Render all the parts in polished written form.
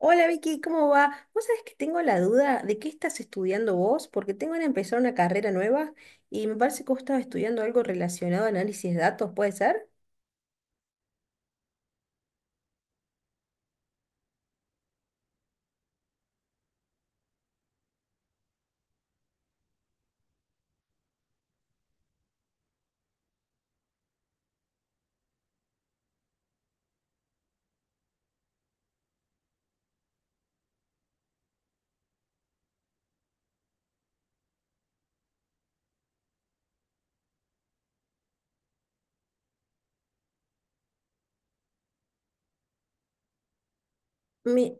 Hola Vicky, ¿cómo va? Vos sabés que tengo la duda de qué estás estudiando vos, porque tengo que empezar una carrera nueva y me parece que vos estabas estudiando algo relacionado a análisis de datos, ¿puede ser? Mi-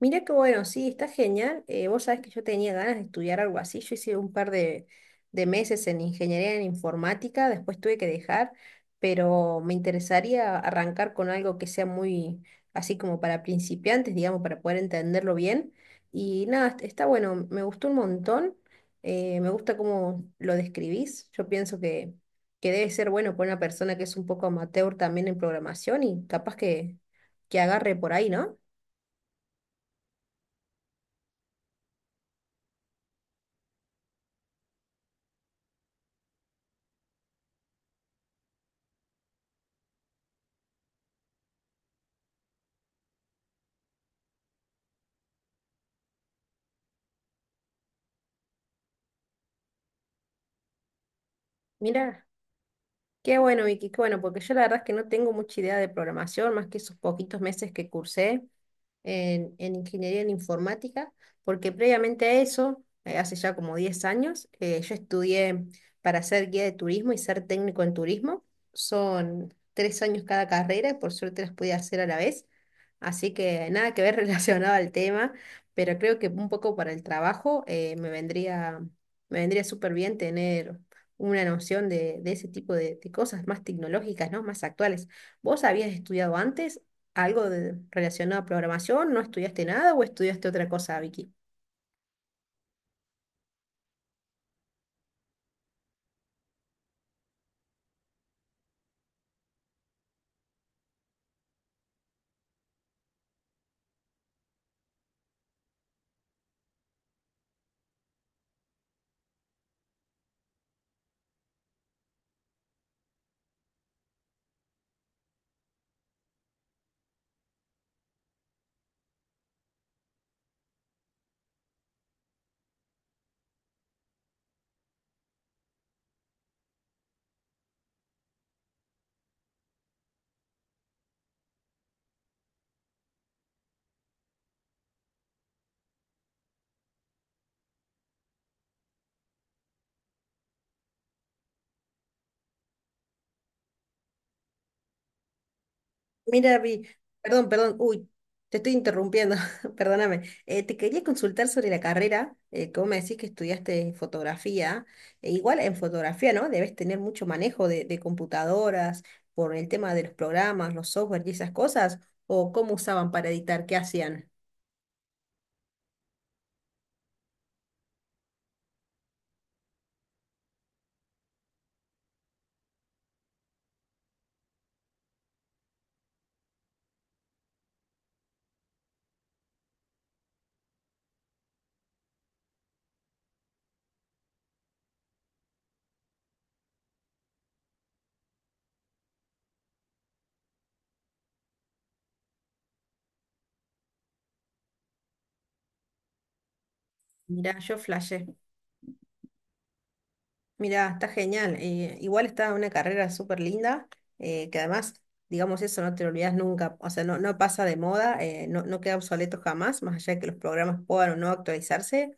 Mira que bueno, sí, está genial. Vos sabés que yo tenía ganas de estudiar algo así. Yo hice un par de meses en ingeniería en informática, después tuve que dejar, pero me interesaría arrancar con algo que sea muy así como para principiantes, digamos, para poder entenderlo bien. Y nada, está bueno, me gustó un montón. Me gusta cómo lo describís. Yo pienso que debe ser bueno para una persona que es un poco amateur también en programación y capaz que agarre por ahí, ¿no? Mira. Qué bueno, Vicky, qué bueno, porque yo la verdad es que no tengo mucha idea de programación, más que esos poquitos meses que cursé en ingeniería en informática, porque previamente a eso, hace ya como 10 años, yo estudié para ser guía de turismo y ser técnico en turismo. Son 3 años cada carrera, y por suerte las pude hacer a la vez. Así que nada que ver relacionado al tema, pero creo que un poco para el trabajo me me vendría súper bien tener una noción de ese tipo de cosas más tecnológicas, ¿no? Más actuales. ¿Vos habías estudiado antes algo relacionado a programación? ¿No estudiaste nada o estudiaste otra cosa, Vicky? Mira, Vi, perdón, perdón, uy, te estoy interrumpiendo, perdóname. Te quería consultar sobre la carrera, que vos me decís que estudiaste fotografía. E igual en fotografía, ¿no? Debes tener mucho manejo de computadoras por el tema de los programas, los software y esas cosas, o cómo usaban para editar, qué hacían. Mira, yo flashé. Mira, está genial. Igual está una carrera súper linda, que además, digamos, eso no te lo olvidas nunca, o sea, no pasa de moda, no queda obsoleto jamás, más allá de que los programas puedan o no actualizarse,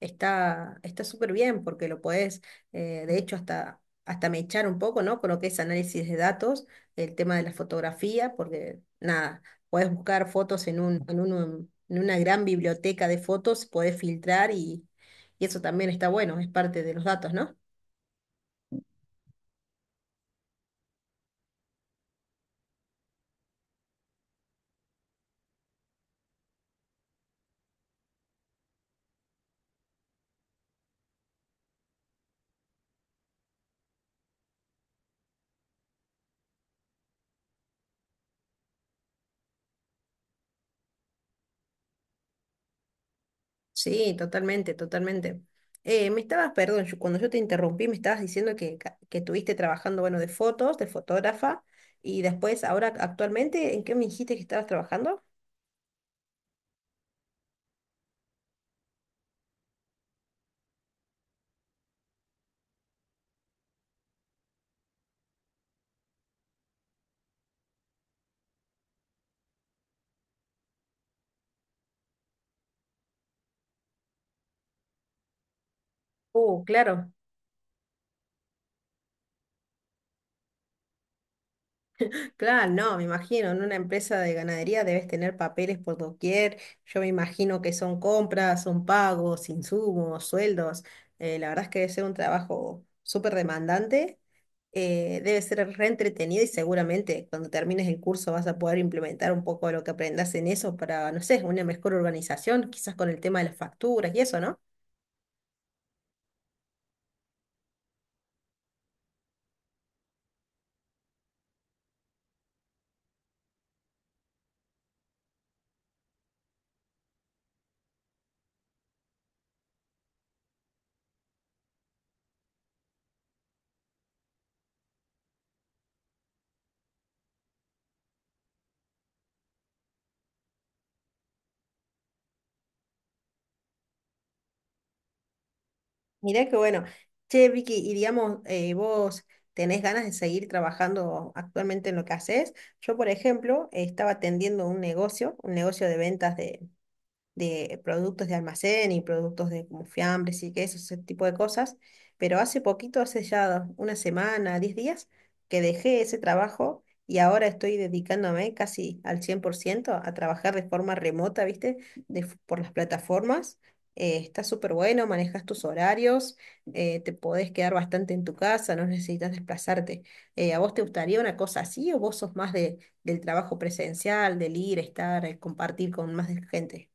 está súper bien porque lo podés, de hecho, hasta echar un poco, ¿no? Con lo que es análisis de datos, el tema de la fotografía, porque nada, podés buscar fotos en un, en una gran biblioteca de fotos, podés filtrar y eso también está bueno, es parte de los datos, ¿no? Sí, totalmente, totalmente. Me estabas, perdón, cuando yo te interrumpí, me estabas diciendo que, que estuviste trabajando, bueno, de fotos, de fotógrafa, y después, ahora, actualmente, ¿en qué me dijiste que estabas trabajando? Claro, claro, no, me imagino, en una empresa de ganadería debes tener papeles por doquier, yo me imagino que son compras, son pagos, insumos, sueldos, la verdad es que debe ser un trabajo súper demandante debe ser reentretenido y seguramente cuando termines el curso vas a poder implementar un poco de lo que aprendas en eso para, no sé, una mejor organización, quizás con el tema de las facturas y eso, ¿no? Mirá que bueno. Che, Vicky, y digamos, vos tenés ganas de seguir trabajando actualmente en lo que haces. Yo, por ejemplo, estaba atendiendo un negocio de ventas de productos de almacén y productos de como fiambres y quesos, ese tipo de cosas, pero hace poquito, hace ya una semana, 10 días, que dejé ese trabajo y ahora estoy dedicándome casi al 100% a trabajar de forma remota, ¿viste? De por las plataformas. Está súper bueno, manejas tus horarios, te podés quedar bastante en tu casa, no necesitas desplazarte. ¿A vos te gustaría una cosa así o vos sos más de, del trabajo presencial, del ir, estar, compartir con más gente?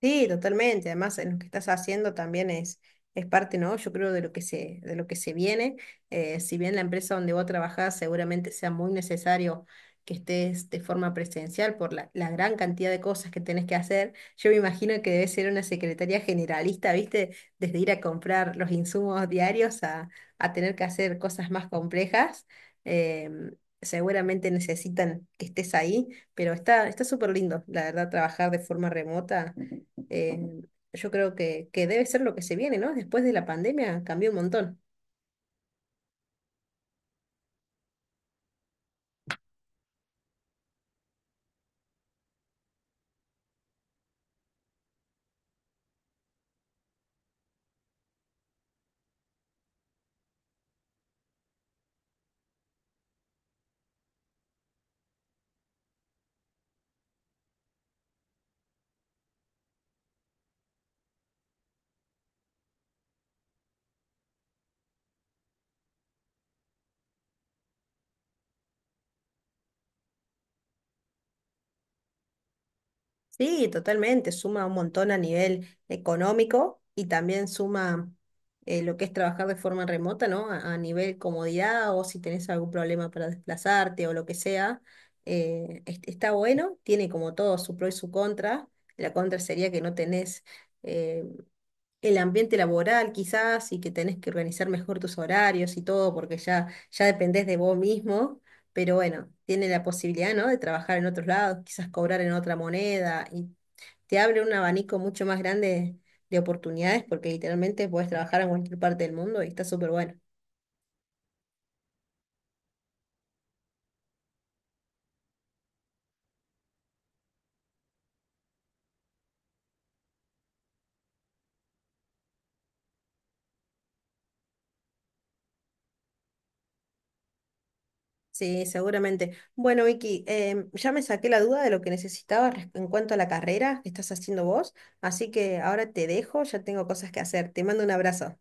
Sí, totalmente. Además, en lo que estás haciendo también es parte, ¿no? Yo creo de lo que se, de lo que se viene. Si bien la empresa donde vos trabajás seguramente sea muy necesario que estés de forma presencial por la gran cantidad de cosas que tenés que hacer, yo me imagino que debe ser una secretaría generalista, ¿viste? Desde ir a comprar los insumos diarios a tener que hacer cosas más complejas. Em, seguramente necesitan que estés ahí. Pero está súper lindo, la verdad, trabajar de forma remota eh, yo creo que debe ser lo que se viene, ¿no? Después de la pandemia cambió un montón. Sí, totalmente, suma un montón a nivel económico y también suma lo que es trabajar de forma remota, ¿no? A nivel comodidad o si tenés algún problema para desplazarte o lo que sea. Está bueno, tiene como todo su pro y su contra. La contra sería que no tenés eh, el ambiente laboral quizás y que tenés que organizar mejor tus horarios y todo porque ya dependés de vos mismo, pero bueno, tiene la posibilidad, ¿no? De trabajar en otros lados, quizás cobrar en otra moneda y te abre un abanico mucho más grande de oportunidades porque literalmente podés trabajar en cualquier parte del mundo y está súper bueno. Sí, seguramente. Bueno, Vicky, em, ya me saqué la duda de lo que necesitaba en cuanto a la carrera que estás haciendo vos, así que ahora te dejo, ya tengo cosas que hacer. Te mando un abrazo.